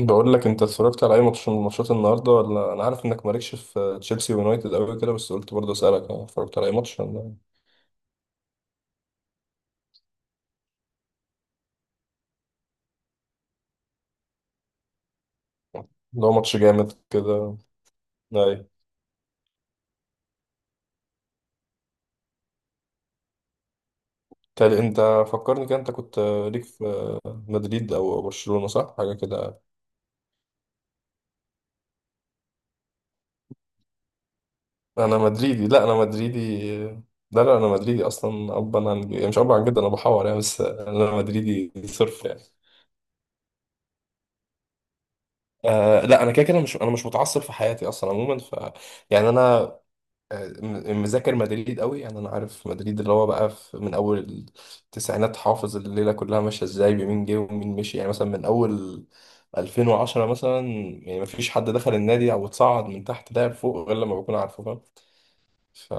بقول لك، انت اتفرجت على اي ماتش من ماتشات النهارده؟ ولا انا عارف انك مالكش في تشيلسي ويونايتد قوي كده، بس قلت برضه اسالك. انا اتفرجت على اي ماتش، ولا لو ماتش جامد كده؟ اي. تالي، انت فكرني كده، انت كنت ليك في مدريد او برشلونة، صح؟ حاجه كده. انا مدريدي، لا انا مدريدي، لا لا، انا مدريدي اصلا. ابا عن، يعني مش ابا عن جد، انا بحور يعني، بس انا مدريدي صرف يعني. آه لا، انا كده كده مش متعصب في حياتي اصلا عموما. ف يعني انا مذاكر مدريد قوي يعني، انا عارف مدريد اللي هو بقى في، من اول التسعينات حافظ الليله كلها ماشيه ازاي، بمين جه ومين مشي، يعني مثلا من اول 2010 مثلا. يعني مفيش حد دخل النادي او اتصعد من تحت لعب فوق غير لما بكون عارفه، فاهم؟ ف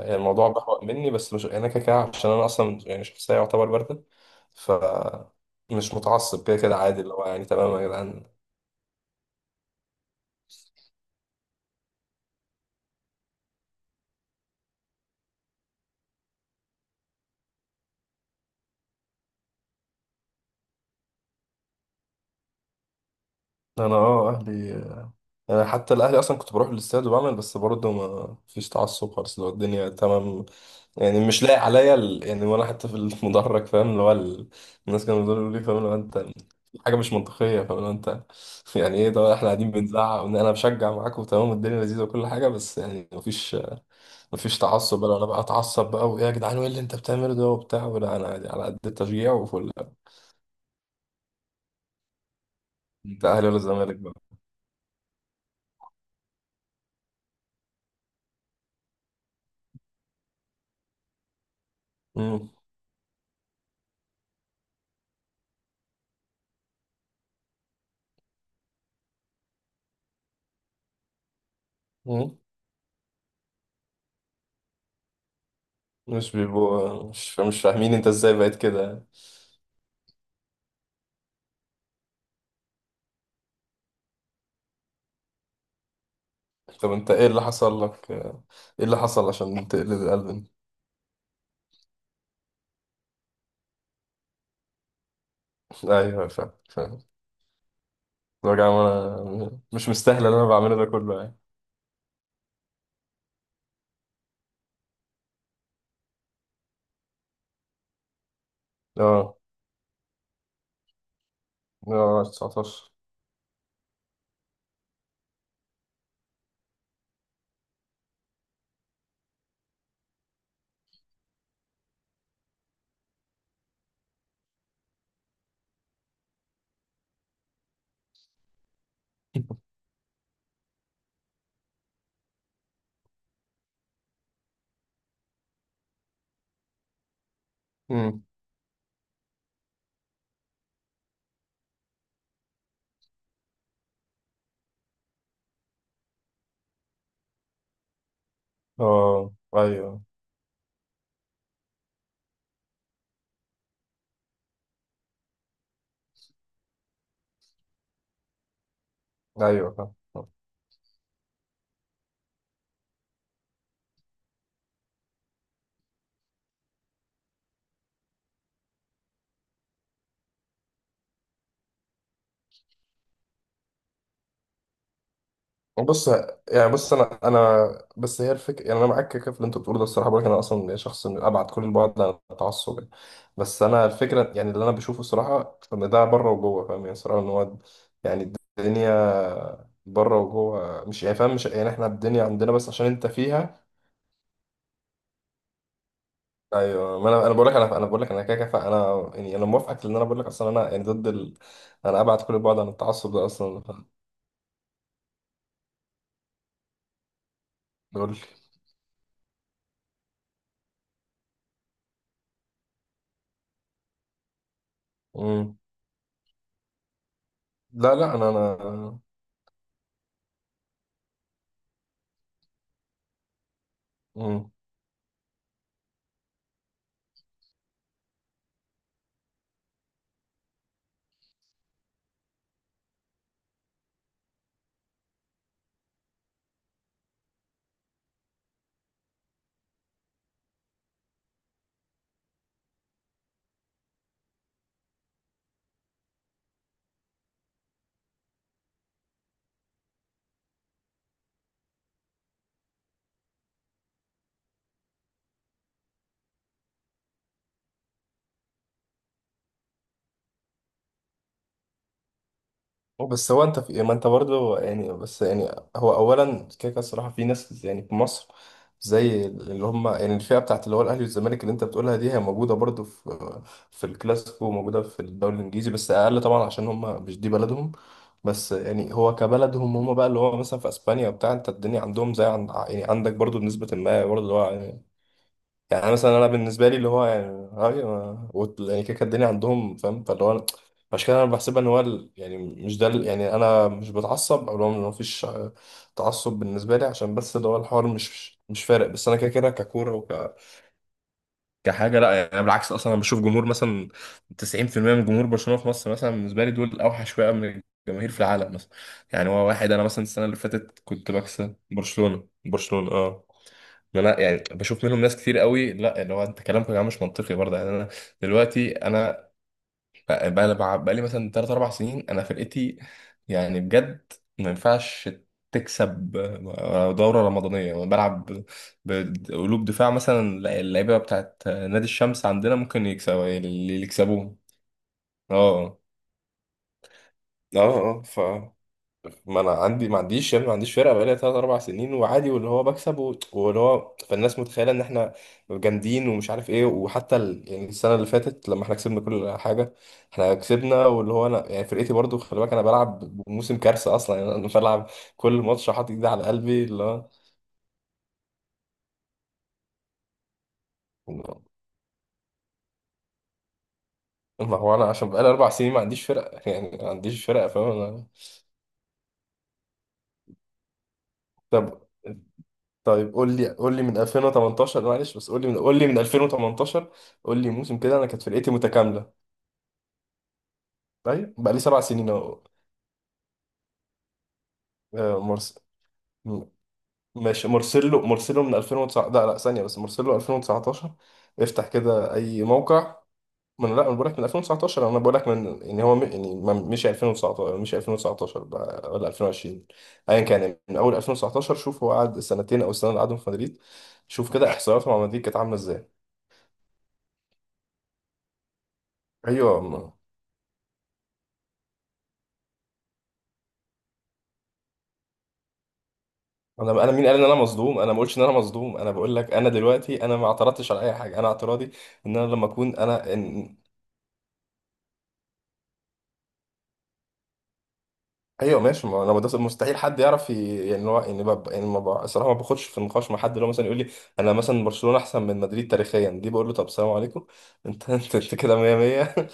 يعني الموضوع بحوق مني، بس مش يعني، انا كده كده عشان انا اصلا يعني شخصيه يعتبر بارده. ف مش متعصب كده كده، عادي، اللي هو يعني تمام يا جدعان. انا اه اهلي. أنا حتى الأهلي، أصلا كنت بروح الاستاد وبعمل، بس برضه ما فيش تعصب خالص، اللي هو الدنيا تمام. يعني مش لايق عليا يعني. وأنا حتى في المدرج، فاهم، اللي هو الناس كانوا بيقولوا لي، فاهم اللي هو أنت حاجة مش منطقية، فاهم اللي هو أنت. يعني إيه ده؟ إحنا قاعدين بنزعق، وإن أنا بشجع معاكم وتمام والدنيا لذيذة وكل حاجة، بس يعني مفيش تعصب بقى، أنا بقى أتعصب بقى وإيه يا جدعان وإيه اللي أنت بتعمله ده وبتاع، ولا أنا عادي على قد التشجيع وفل. أنت أهلي ولا زمالك بقى؟ مم. مم. مش بيبقوا مش فاهمين أنت إزاي بقيت كده؟ طب، انت ايه اللي حصل لك؟ ايه اللي حصل عشان تقلب القلب؟ ايوه فاهم فاهم. لو يا جماعة، انا مش مستاهل اللي انا بعمله ده كله يعني. اه. اه. 19. امم، اه، ايوه ايوه فاهم. بص، يعني بص، انا بس هي الفكره، يعني انا معاك كده في اللي انت بتقوله ده. الصراحه بقولك، انا اصلا شخص من ابعد كل البعد عن التعصب يعني. بس انا الفكره يعني اللي انا بشوفه الصراحه، ان ده بره وجوه فاهم يعني. الصراحه ان هو يعني الدنيا بره وجوه، مش يعني فاهم، مش يعني احنا الدنيا عندنا بس عشان انت فيها. ايوه، ما انا بقول لك، انا بقول لك، انا كده كده انا يعني انا موافقك، لان انا بقول لك اصلا، انا يعني ضد انا ابعد كل البعد عن التعصب ده اصلا. بقول لك. لا لا، انا مم. بس هو انت في، ما انت برضه يعني، بس يعني هو اولا كده كده الصراحه، في ناس يعني في مصر زي اللي هم يعني الفئه بتاعت اللي هو الاهلي والزمالك، اللي انت بتقولها دي هي موجوده برضه في الكلاسيكو، وموجوده في الدوري الانجليزي بس اقل طبعا عشان هم مش دي بلدهم. بس يعني هو كبلدهم هم بقى، اللي هو مثلا في اسبانيا وبتاع، انت الدنيا عندهم زي عند، يعني عندك برضه، بنسبه ما برضه اللي هو يعني. يعني مثلا انا بالنسبه لي اللي هو يعني أيوة، يعني كده كده الدنيا عندهم فاهم، فاللي هو عشان كده انا بحسبها ان هو يعني مش ده يعني انا مش بتعصب، او اللي هو ما فيش، تعصب بالنسبه لي، عشان بس اللي هو الحوار مش فارق، بس انا كده كده ككوره كحاجه، لا يعني. أنا بالعكس، اصلا انا بشوف جمهور مثلا 90% من جمهور برشلونه في مصر، مثلا بالنسبه لي دول اوحش فئه من الجماهير في العالم مثلا. يعني هو واحد، انا مثلا السنه اللي فاتت كنت بكسب برشلونه برشلونه، اه. ما انا يعني بشوف منهم ناس كتير قوي، لا اللي هو انت كلامكم يا جماعه مش منطقي برضه يعني. انا دلوقتي انا بقى لي مثلا 3 4 سنين انا فرقتي، يعني بجد، ما ينفعش تكسب دوره رمضانيه. انا بلعب بقلوب دفاع مثلا. لا، اللعيبه بتاعت نادي الشمس عندنا ممكن يكسبوا اللي يكسبوهم. اه. اه. اه. ف ما انا عندي، ما عنديش يعني، ما عنديش فرقه بقالي ثلاث اربع سنين وعادي، واللي هو بكسب واللي هو، فالناس متخيله ان احنا جامدين ومش عارف ايه، وحتى يعني السنه اللي فاتت لما احنا كسبنا كل حاجه، احنا كسبنا، واللي هو انا يعني فرقتي برضو، خلي بالك انا بلعب موسم كارثه اصلا، يعني انا بلعب كل ماتش حاطط ايدي على قلبي اللي هو. ما هو انا عشان بقالي اربع سنين ما عنديش فرقه، يعني ما عنديش فرقه فاهم طب. طيب، قول لي من 2018، معلش، بس قول لي من 2018، قول لي موسم كده انا كانت فرقتي متكامله. ايوه بقى لي سبع سنين اهو. آه، مرس... م- ماشي، مارسيلو من 2009، لا لا، ثانية بس، مارسيلو 2019. افتح كده اي موقع. لا انا بقول لك من 2019، انا بقول لك من، يعني هو يعني مش 2019 مش 2019 بقى، ولا 2020 ايا كان يعني. من اول 2019 شوف، هو قعد سنتين او السنة اللي قعدهم في مدريد، شوف كده احصائياته مع مدريد كانت عاملة ازاي. ايوه انا مين قال ان انا مصدوم؟ انا ما بقولش ان انا مصدوم. انا بقول لك انا دلوقتي، انا ما اعترضتش على اي حاجه. انا اعتراضي ان انا لما اكون انا. ايوه ماشي، ما انا ما ده مستحيل حد يعرف يعني هو يعني يعني ما ب... الصراحه، ما باخدش في نقاش مع حد اللي هو مثلا يقول لي انا مثلا برشلونه احسن من مدريد تاريخيا، دي بقول له طب سلام عليكم. انت، انت كده 100 100.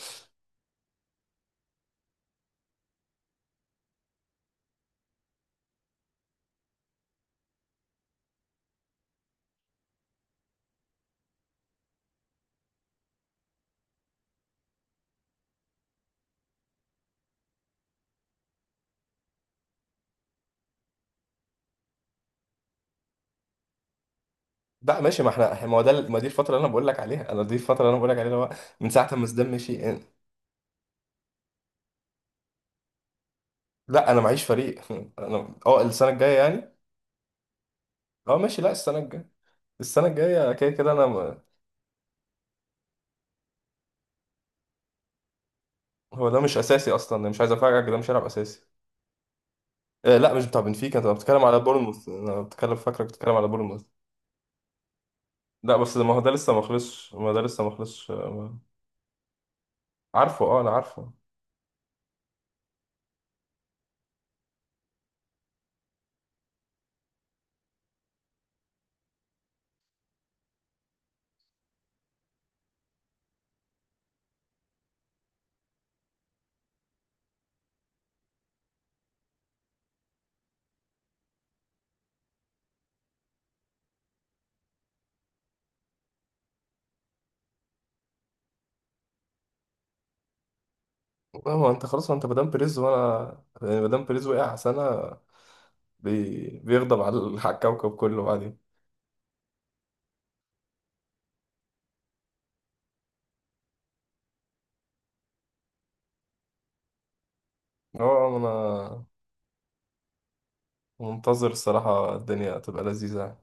لا، ماشي، ما احنا ما هو ده، ما دي الفتره اللي انا بقول لك عليها، انا دي الفتره اللي انا بقول لك عليها اللي هو من ساعه ما زيدان مشي لا انا معيش فريق. انا اه السنه الجايه يعني، اه ماشي، لا السنه الجايه، السنه الجايه كده كده انا هو ده مش اساسي اصلا، أنا مش عايز افاجئك، ده مش هيلعب اساسي. لا، مش بتاع بنفيكا، انت بتتكلم على بورنموث، انا بتكلم فاكرك بتتكلم على بورنموث. لا بس ما هو ده لسه ما خلصش، ما ده لسه ما خلصش عارفه، اه انا عارفه. لا، ما هو انت خلاص، ما انت مدام بريز، وانا يعني مدام بريز وقع سنة بيغضب على الكوكب كله بعدين. اه، انا منتظر الصراحة الدنيا تبقى لذيذة.